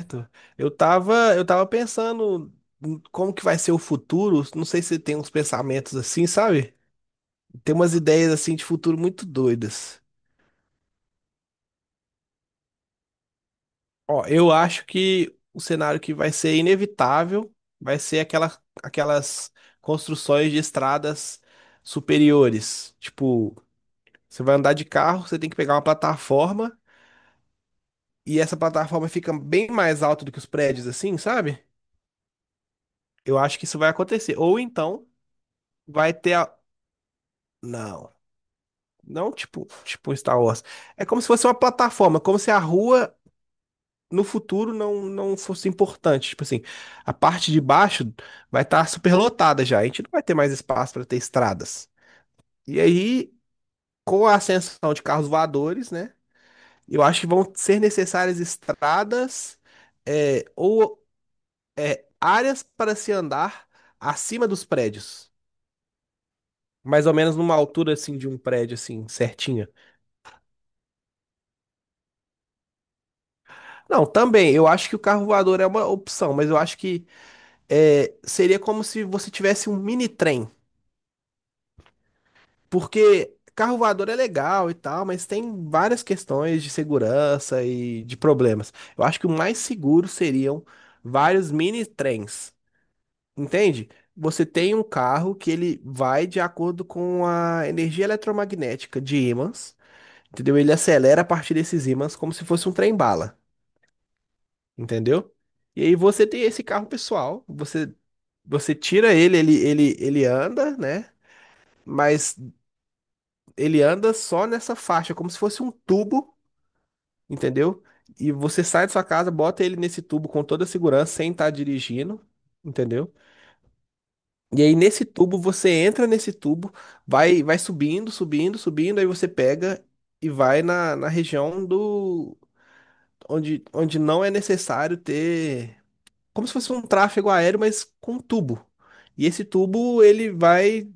Certo. Eu tava pensando em como que vai ser o futuro. Não sei se tem uns pensamentos assim, sabe? Tem umas ideias assim de futuro muito doidas. Ó, eu acho que o cenário que vai ser inevitável vai ser aquelas construções de estradas superiores. Tipo, você vai andar de carro, você tem que pegar uma plataforma e essa plataforma fica bem mais alta do que os prédios, assim, sabe? Eu acho que isso vai acontecer. Ou então vai ter a... Não. Não, tipo Star Wars. É como se fosse uma plataforma, como se a rua no futuro não fosse importante. Tipo assim, a parte de baixo vai estar superlotada já. A gente não vai ter mais espaço para ter estradas. E aí, com a ascensão de carros voadores, né? Eu acho que vão ser necessárias estradas ou áreas para se andar acima dos prédios. Mais ou menos numa altura assim de um prédio assim, certinho. Não, também. Eu acho que o carro voador é uma opção, mas eu acho que seria como se você tivesse um mini trem. Porque carro voador é legal e tal, mas tem várias questões de segurança e de problemas. Eu acho que o mais seguro seriam vários mini trens. Entende? Você tem um carro que ele vai de acordo com a energia eletromagnética de ímãs, entendeu? Ele acelera a partir desses ímãs como se fosse um trem-bala. Entendeu? E aí você tem esse carro pessoal, você tira ele, ele anda, né? Mas ele anda só nessa faixa, como se fosse um tubo, entendeu? E você sai da sua casa, bota ele nesse tubo com toda a segurança, sem estar dirigindo, entendeu? E aí nesse tubo você entra nesse tubo, vai subindo, subindo, subindo, aí você pega e vai na região do onde não é necessário ter como se fosse um tráfego aéreo, mas com um tubo. E esse tubo ele vai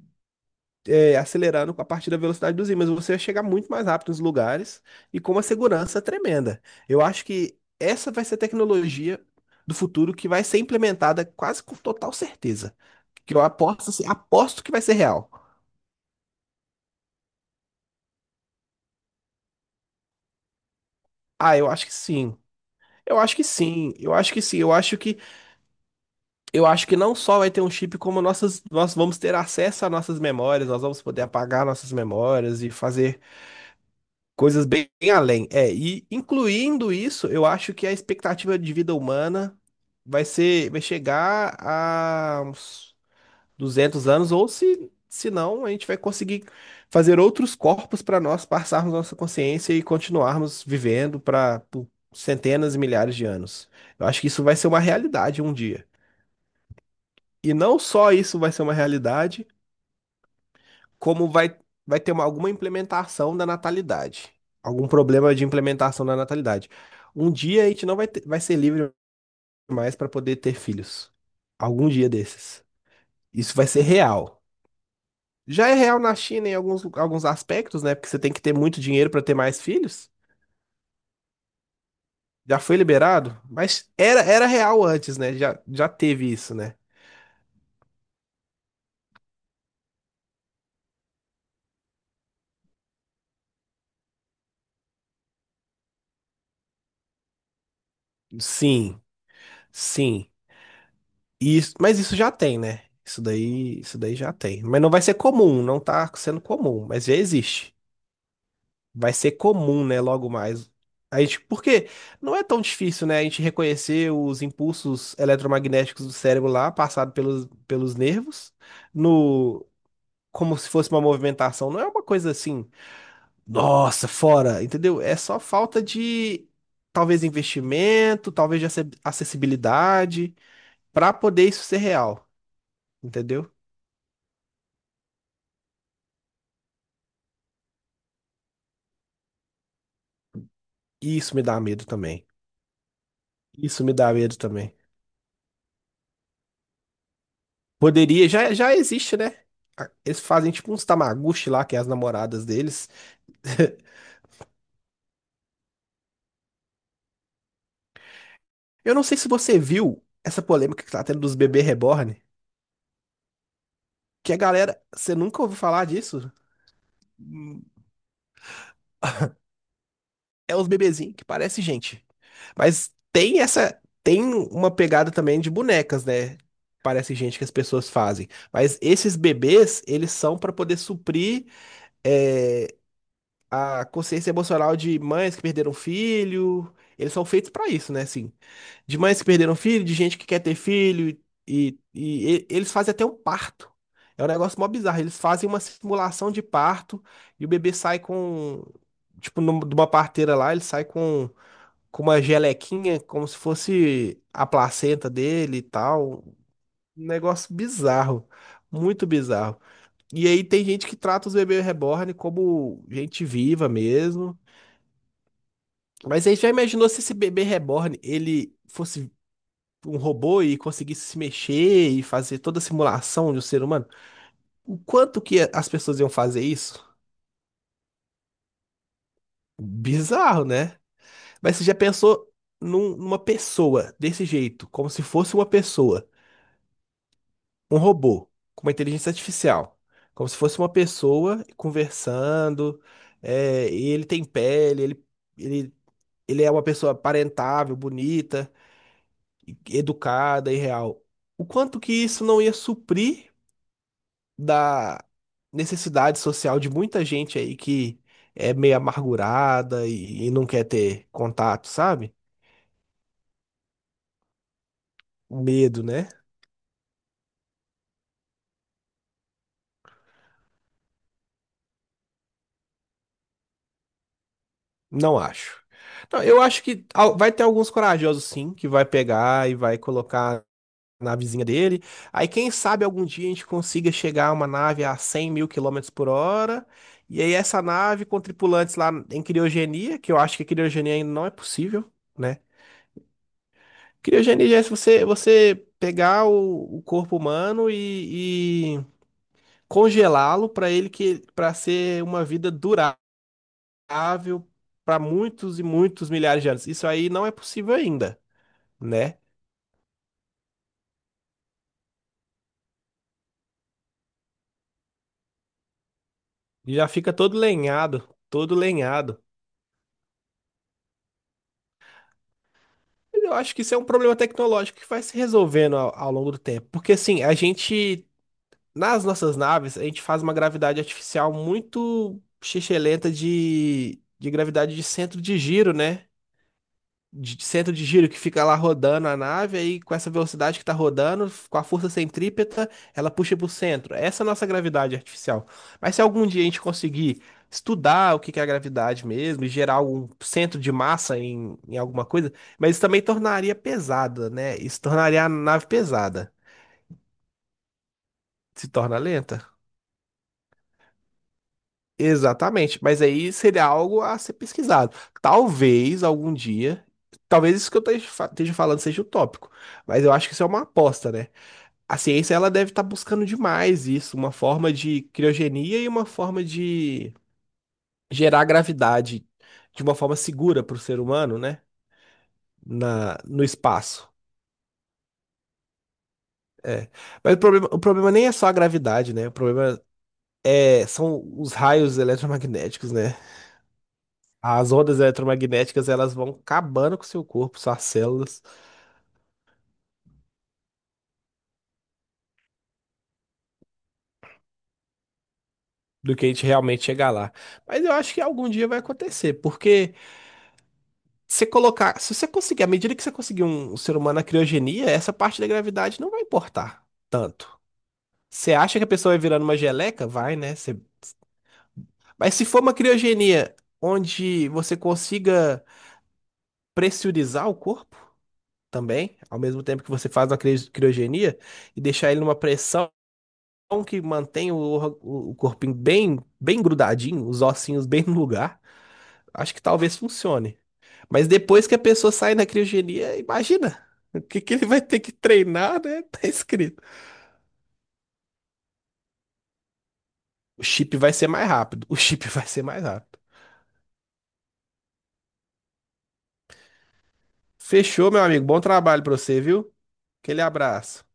acelerando a partir da velocidade dos ímãs. Você vai chegar muito mais rápido nos lugares e com uma segurança tremenda. Eu acho que essa vai ser a tecnologia do futuro que vai ser implementada quase com total certeza. Que eu aposto, assim, aposto que vai ser real. Ah, eu acho que sim. Eu acho que sim. Eu acho que sim. Eu acho que não só vai ter um chip, como nós vamos ter acesso a nossas memórias, nós vamos poder apagar nossas memórias e fazer coisas bem além. É, e incluindo isso, eu acho que a expectativa de vida humana vai chegar a uns 200 anos, ou se não, a gente vai conseguir fazer outros corpos para nós passarmos nossa consciência e continuarmos vivendo para por centenas e milhares de anos. Eu acho que isso vai ser uma realidade um dia. E não só isso vai ser uma realidade, como vai ter alguma implementação da natalidade, algum problema de implementação da natalidade. Um dia a gente não vai, vai ser livre mais para poder ter filhos. Algum dia desses. Isso vai ser real. Já é real na China em alguns aspectos, né? Porque você tem que ter muito dinheiro para ter mais filhos. Já foi liberado, mas era real antes, né? Já teve isso, né? Sim, sim. Isso, mas isso já tem, né? Isso daí já tem. Mas não vai ser comum, não tá sendo comum, mas já existe. Vai ser comum, né, logo mais. A gente, porque não é tão difícil, né, a gente reconhecer os impulsos eletromagnéticos do cérebro lá, passado pelos nervos, no como se fosse uma movimentação. Não é uma coisa assim, nossa, fora, entendeu? É só falta de talvez investimento, talvez de acessibilidade, para poder isso ser real, entendeu? Isso me dá medo também. Isso me dá medo também. Poderia, já existe, né? Eles fazem tipo uns tamaguchi lá, que é as namoradas deles. Eu não sei se você viu essa polêmica que tá tendo dos bebês reborn, que a galera, você nunca ouviu falar disso? Hum, É os bebezinhos que parece gente. Mas tem uma pegada também de bonecas, né? Parece gente que as pessoas fazem. Mas esses bebês, eles são pra poder suprir eh, a consciência emocional de mães que perderam filho. Eles são feitos pra isso, né? Assim, de mães que perderam filho, de gente que quer ter filho. E eles fazem até um parto. É um negócio mó bizarro. Eles fazem uma simulação de parto e o bebê sai com. Tipo, de uma parteira lá, ele sai com, uma gelequinha, como se fosse a placenta dele e tal. Um negócio bizarro. Muito bizarro. E aí tem gente que trata os bebês reborn como gente viva mesmo. Mas aí já imaginou se esse bebê reborn ele fosse um robô e conseguisse se mexer e fazer toda a simulação de um ser humano? O quanto que as pessoas iam fazer isso? Bizarro, né? Mas você já pensou numa pessoa desse jeito, como se fosse uma pessoa, um robô, com uma inteligência artificial, como se fosse uma pessoa conversando, e ele tem pele, ele, ele é uma pessoa aparentável, bonita, educada e real. O quanto que isso não ia suprir da necessidade social de muita gente aí que é meio amargurada e não quer ter contato, sabe? Medo, né? Não acho. Não, eu acho que vai ter alguns corajosos, sim, que vai pegar e vai colocar navezinha dele. Aí, quem sabe algum dia a gente consiga chegar a uma nave a 100 mil quilômetros por hora. E aí, essa nave com tripulantes lá em criogenia, que eu acho que criogenia ainda não é possível, né? Criogenia já é se você pegar o corpo humano e congelá-lo para ele que para ser uma vida durável para muitos e muitos milhares de anos. Isso aí não é possível ainda, né? E já fica todo lenhado, todo lenhado. Eu acho que isso é um problema tecnológico que vai se resolvendo ao longo do tempo. Porque assim, a gente, nas nossas naves, a gente faz uma gravidade artificial muito xixelenta de gravidade de centro de giro, né? De centro de giro que fica lá rodando a nave, aí com essa velocidade que tá rodando, com a força centrípeta, ela puxa pro centro. Essa é a nossa gravidade artificial. Mas se algum dia a gente conseguir estudar o que que é a gravidade mesmo, e gerar algum centro de massa em alguma coisa, mas isso também tornaria pesada, né? Isso tornaria a nave pesada. Se torna lenta? Exatamente, mas aí seria algo a ser pesquisado. Talvez algum dia, talvez isso que eu esteja esteja falando seja utópico, mas eu acho que isso é uma aposta, né? A ciência ela deve estar buscando demais isso, uma forma de criogenia e uma forma de gerar gravidade de uma forma segura para o ser humano, né? No espaço. É. Mas o problema nem é só a gravidade, né? O problema são os raios eletromagnéticos, né? As ondas eletromagnéticas elas vão acabando com o seu corpo, suas células, do que a gente realmente chegar lá. Mas eu acho que algum dia vai acontecer, porque você colocar, se você conseguir, à medida que você conseguir um ser humano na criogenia, essa parte da gravidade não vai importar tanto. Você acha que a pessoa vai virando uma geleca? Vai, né? Você- Mas se for uma criogenia onde você consiga pressurizar o corpo também, ao mesmo tempo que você faz uma criogenia, e deixar ele numa pressão que mantém o corpinho bem, bem grudadinho, os ossinhos bem no lugar. Acho que talvez funcione. Mas depois que a pessoa sai da criogenia, imagina o que que ele vai ter que treinar, né? Tá escrito. O chip vai ser mais rápido. O chip vai ser mais rápido. Fechou, meu amigo. Bom trabalho pra você, viu? Aquele abraço.